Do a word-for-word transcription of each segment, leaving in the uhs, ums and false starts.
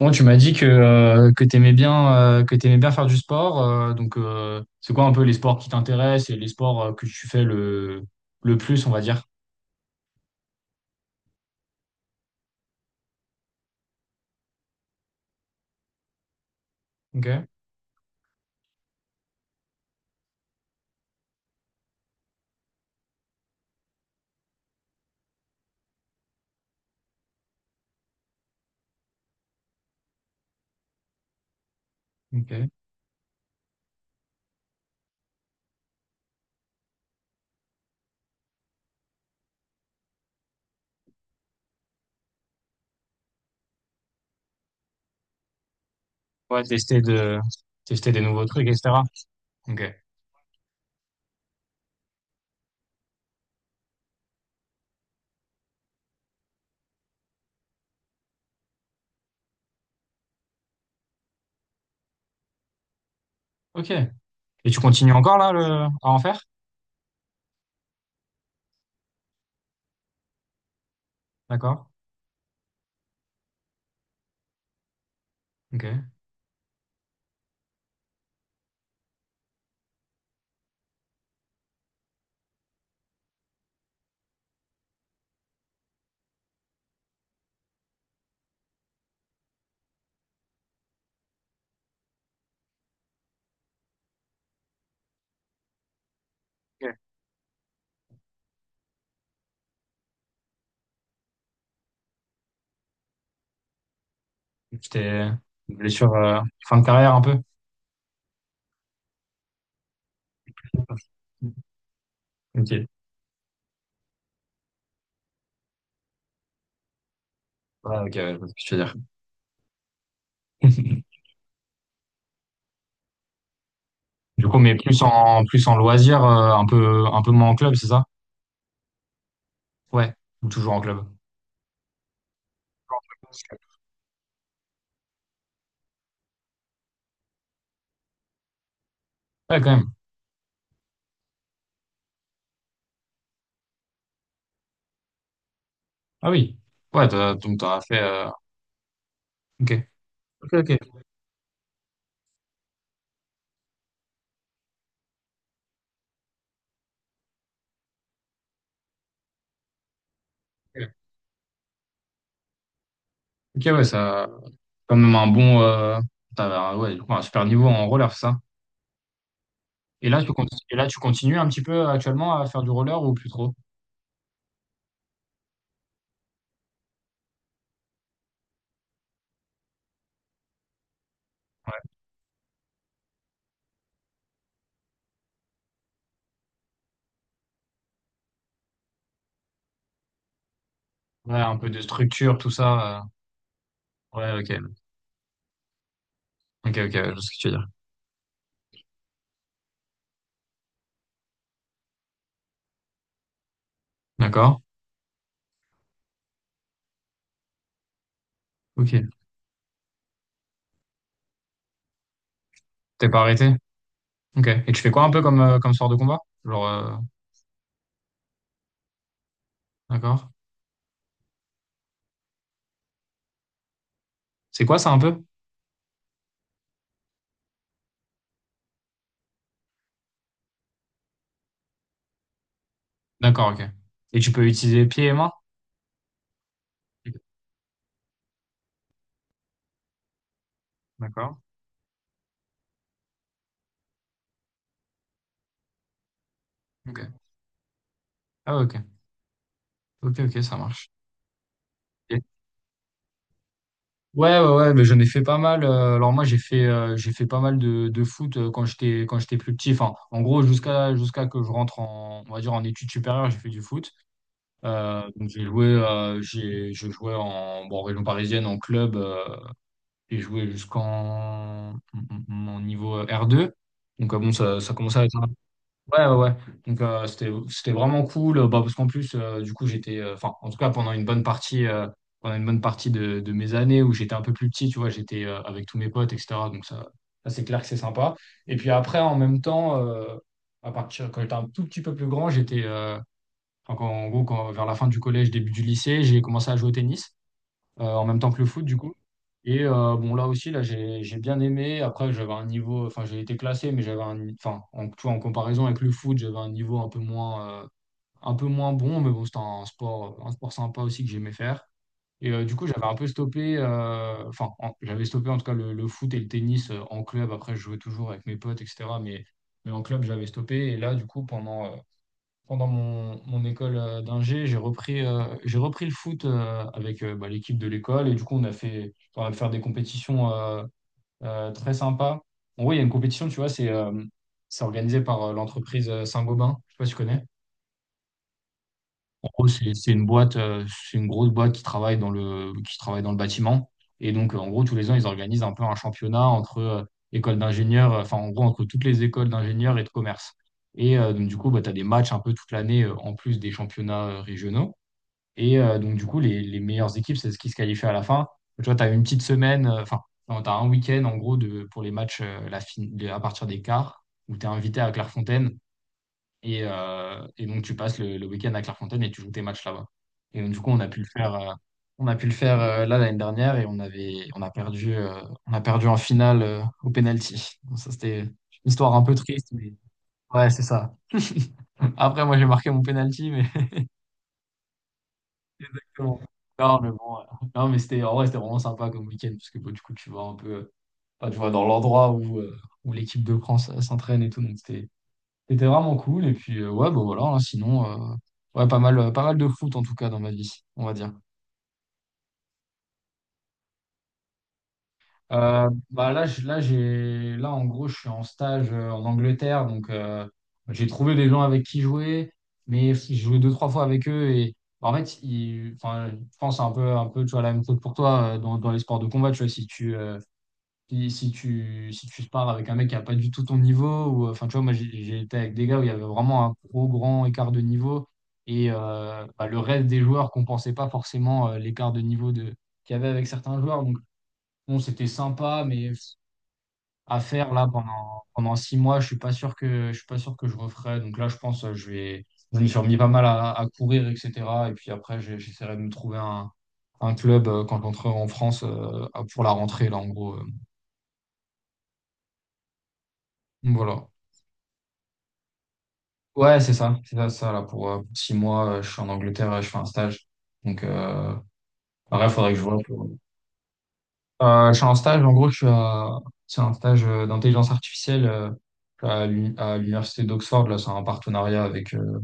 Bon, tu m'as dit que, euh, que tu aimais bien, euh, que t'aimais bien faire du sport. euh, donc, euh, c'est quoi un peu les sports qui t'intéressent et les sports euh, que tu fais le, le plus, on va dire? Ok, ok. Ouais, tester de, tester des nouveaux trucs, et cetera. Ok, ok. Et tu continues encore là le, à en faire? D'accord. Ok. Ok. Tu t'es une blessure euh, fin de carrière un peu? Ok. Ouais, ok, ouais, je vois ce que tu veux dire. Du coup, mais plus en plus en loisir, euh, un peu un peu moins en club, c'est ça? Ouais. Ou toujours en club. Ouais, quand même. Ah oui. Ouais, t'as, donc t'auras fait. euh, Ok. Ok, ok. Ok, ok, ouais, ça. Quand même un bon. Euh... T'avais un, ouais, du coup, un super niveau en roller, c'est ça. Et là, tu continues, et là, tu continues un petit peu actuellement à faire du roller ou plus trop? Ouais, un peu de structure, tout ça. euh, Ouais, ok. Ok, ok, je vois ce que tu veux dire. D'accord. Ok. T'es pas arrêté? Ok. Et tu fais quoi un peu comme, euh, comme sport de combat? Genre, euh, d'accord. C'est quoi ça un peu? D'accord, ok. Et tu peux utiliser pieds et mains? Ok. D'accord. Ok. Ah, ok. Ok, ok, ça marche. Ok. Ouais, ouais, ouais, mais j'en ai fait pas mal. Euh, alors moi, j'ai fait, euh, j'ai fait pas mal de, de foot euh, quand j'étais, quand j'étais plus petit. Enfin, en gros, jusqu'à, jusqu'à que je rentre en, on va dire en études supérieures, j'ai fait du foot. Euh, donc j'ai joué, euh, j'ai, je jouais en, bon, en région parisienne, en club. Euh, j'ai joué jusqu'en, en niveau R deux. Donc euh, bon, ça, ça commençait à être ouais, ouais, ouais. Donc, euh, c'était, c'était vraiment cool. euh, Bah, parce qu'en plus, euh, du coup, j'étais, euh, enfin, en tout cas, pendant une bonne partie, euh, pendant une bonne partie de, de mes années où j'étais un peu plus petit, tu vois, j'étais euh, avec tous mes potes, et cetera. Donc, ça, ça c'est clair que c'est sympa. Et puis après, en même temps, euh, à partir, quand j'étais un tout petit peu plus grand, j'étais, euh, enfin, quand- en gros, quand, vers la fin du collège, début du lycée, j'ai commencé à jouer au tennis euh, en même temps que le foot, du coup. Et euh, bon, là aussi, là, j'ai j'ai bien aimé. Après, j'avais un niveau, enfin, j'ai été classé, mais j'avais un, enfin, en, tu vois, en comparaison avec le foot, j'avais un niveau un peu moins, euh, un peu moins bon, mais bon, c'était un sport, un sport sympa aussi que j'aimais faire. Et euh, du coup, j'avais un peu stoppé, euh, enfin, en- j'avais stoppé en tout cas le, le foot et le tennis euh, en club. Après, je jouais toujours avec mes potes, et cetera. Mais, mais en club, j'avais stoppé. Et là, du coup, pendant, euh, pendant mon, mon école euh, d'ingé, j'ai repris, euh, j'ai repris le foot euh, avec euh, bah, l'équipe de l'école. Et du coup, on a fait, on a pu faire des compétitions euh, euh, très sympas. En gros, il y a une compétition, tu vois, c'est euh, c'est organisé par euh, l'entreprise euh, Saint-Gobain. Je sais pas si tu connais. En gros, c'est c'est une boîte, euh, c'est une grosse boîte qui travaille dans le, qui travaille dans le bâtiment. Et donc, euh, en gros, tous les ans, ils organisent un peu un championnat entre euh, écoles d'ingénieurs, euh, enfin, en gros, entre toutes les écoles d'ingénieurs et de commerce. Et euh, donc, du coup, bah, tu as des matchs un peu toute l'année euh, en plus des championnats euh, régionaux. Et euh, donc, du coup, les, les meilleures équipes, c'est ce qui se qualifie à la fin. Tu vois, tu as une petite semaine, euh, enfin, tu as un week-end, en gros, de, pour les matchs euh, la fin, à partir des quarts, où tu es invité à Clairefontaine et, euh, et donc, tu passes le, le week-end à Clairefontaine et tu joues tes matchs là-bas. Et donc, du coup, on a pu le faire, euh, on a pu le faire euh, là l'année dernière et on avait, on a perdu, euh, on a perdu en finale euh, au penalty. Donc, ça, c'était une histoire un peu triste, mais ouais, c'est ça. Après, moi, j'ai marqué mon penalty, mais bon. Non, mais bon, euh, non, mais c'était en vrai, c'était vraiment sympa comme week-end parce que bon, du coup, tu vois un peu, euh, enfin, tu vois dans l'endroit où, euh, où l'équipe de France euh, s'entraîne et tout. Donc, c'était c'était vraiment cool. Et puis, euh, ouais, bah voilà, hein, sinon, euh, ouais, pas mal, euh, pas mal de foot en tout cas dans ma vie, on va dire. Euh, bah là, je- là, j'ai, là, en gros, je suis en stage euh, en Angleterre. Donc, euh, j'ai trouvé des gens avec qui jouer, mais j'ai joué deux, trois fois avec eux. Et bah, en fait, ils- enfin, je pense un peu, un peu, tu vois, la même chose pour toi euh, dans, dans les sports de combat. Tu vois, si tu, euh, Si, si tu, si tu parles avec un mec qui n'a pas du tout ton niveau, ou euh, enfin, tu vois, moi j'ai j'ai été avec des gars où il y avait vraiment un gros grand écart de niveau, et euh, bah, le reste des joueurs compensait pas forcément euh, l'écart de niveau de, qu'il y avait avec certains joueurs. Donc, bon, c'était sympa, mais à faire là pendant, pendant six mois, je suis pas sûr que, je suis pas sûr que je referais. Donc là, je pense euh, je vais, je me suis remis pas mal à, à courir, et cetera. Et puis après, j'ai- j'essaierai de me trouver un, un club euh, quand j'entrerai en France euh, pour la rentrée, là, en gros. euh. Voilà. Ouais, c'est ça, c'est ça, ça, là, pour, euh, pour six mois, euh, je suis en Angleterre, et je fais un stage. Donc, euh, bref, faudrait que je vois. Pour- Euh, euh, je suis en stage, en gros, je suis à, c'est un stage euh, d'intelligence artificielle euh, à l'uni- à l'université d'Oxford, là, c'est un partenariat avec, euh,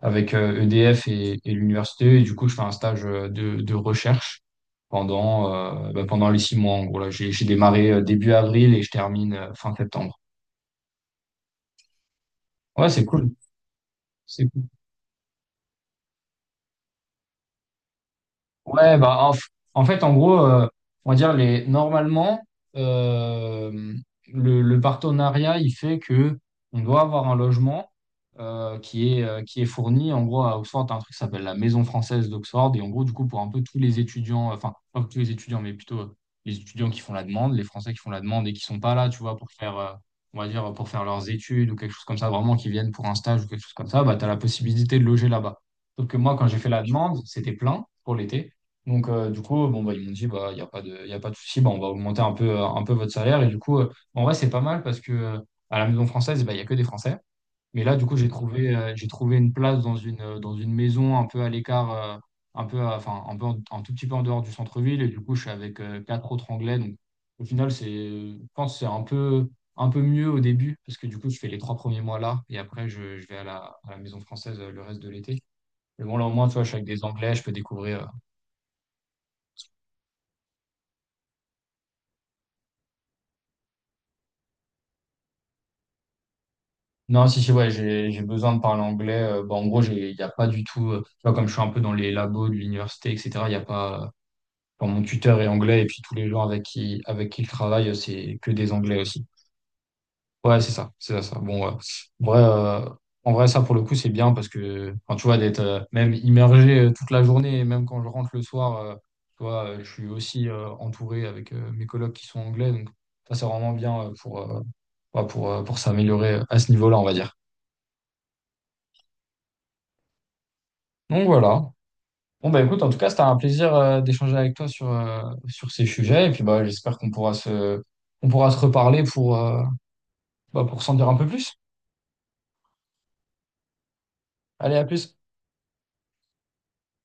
avec euh, E D F et, et l'université, et du coup, je fais un stage euh, de, de recherche pendant, euh, bah, pendant les six mois, en gros, là, j'ai, j'ai démarré euh, début avril et je termine euh, fin septembre. Ouais, c'est cool, c'est cool. Ouais, bah, en, f- en fait, en gros, euh, on va dire les, normalement, euh, le, le partenariat, il fait que on doit avoir un logement euh, qui est, euh, qui est fourni. En gros, à Oxford, t'as un truc qui s'appelle la Maison française d'Oxford. Et en gros, du coup, pour un peu tous les étudiants, enfin, pas tous les étudiants, mais plutôt euh, les étudiants qui font la demande, les Français qui font la demande et qui sont pas là, tu vois, pour faire, euh, on va dire, pour faire leurs études ou quelque chose comme ça, vraiment, qui viennent pour un stage ou quelque chose comme ça, bah, tu as la possibilité de loger là-bas. Sauf que moi, quand j'ai fait la demande, c'était plein pour l'été. Donc, euh, du coup, bon, bah, ils m'ont dit, bah, il n'y a pas de, y a pas de souci, bah, on va augmenter un peu, euh, un peu votre salaire. Et du coup, euh, bah, en vrai, c'est pas mal parce que euh, à la maison française, bah, il n'y a que des Français. Mais là, du coup, j'ai trouvé, euh, j'ai trouvé une place dans une, euh, dans une maison un peu à l'écart, euh, un peu, à- enfin, un peu, en- un tout petit peu en dehors du centre-ville. Et du coup, je suis avec euh, quatre autres Anglais. Donc, au final, c'est, je pense que c'est un peu, un peu mieux au début parce que du coup, je fais les trois premiers mois là et après, je, je vais à la, à la maison française euh, le reste de l'été. Mais bon, là, au moins, tu vois, je suis avec des Anglais, je peux découvrir non, si, si, ouais, j'ai, j'ai besoin de parler anglais. Euh, bon, en gros, j'ai, il n'y a pas du tout, euh, tu vois, comme je suis un peu dans les labos de l'université, et cetera, il n'y a pas, euh, bon, mon tuteur est anglais et puis tous les gens avec qui, avec qui il travaille, euh, c'est que des anglais aussi. Ouais, c'est ça, c'est ça, ça. Bon, euh, en vrai, euh, en vrai, ça, pour le coup, c'est bien parce que, enfin, tu vois, d'être euh, même immergé euh, toute la journée et même quand je rentre le soir, euh, tu vois, euh, je suis aussi euh, entouré avec euh, mes collègues qui sont anglais. Donc, ça, c'est vraiment bien euh, pour, euh, ouais, pour, euh, pour s'améliorer euh, à ce niveau-là, on va dire. Donc, voilà. Bon, bah écoute, en tout cas, c'était un plaisir euh, d'échanger avec toi sur, euh, sur ces sujets. Et puis, bah, j'espère qu'on pourra se, on pourra se reparler pour, euh, bah, pour s'en dire un peu plus. Allez, à plus.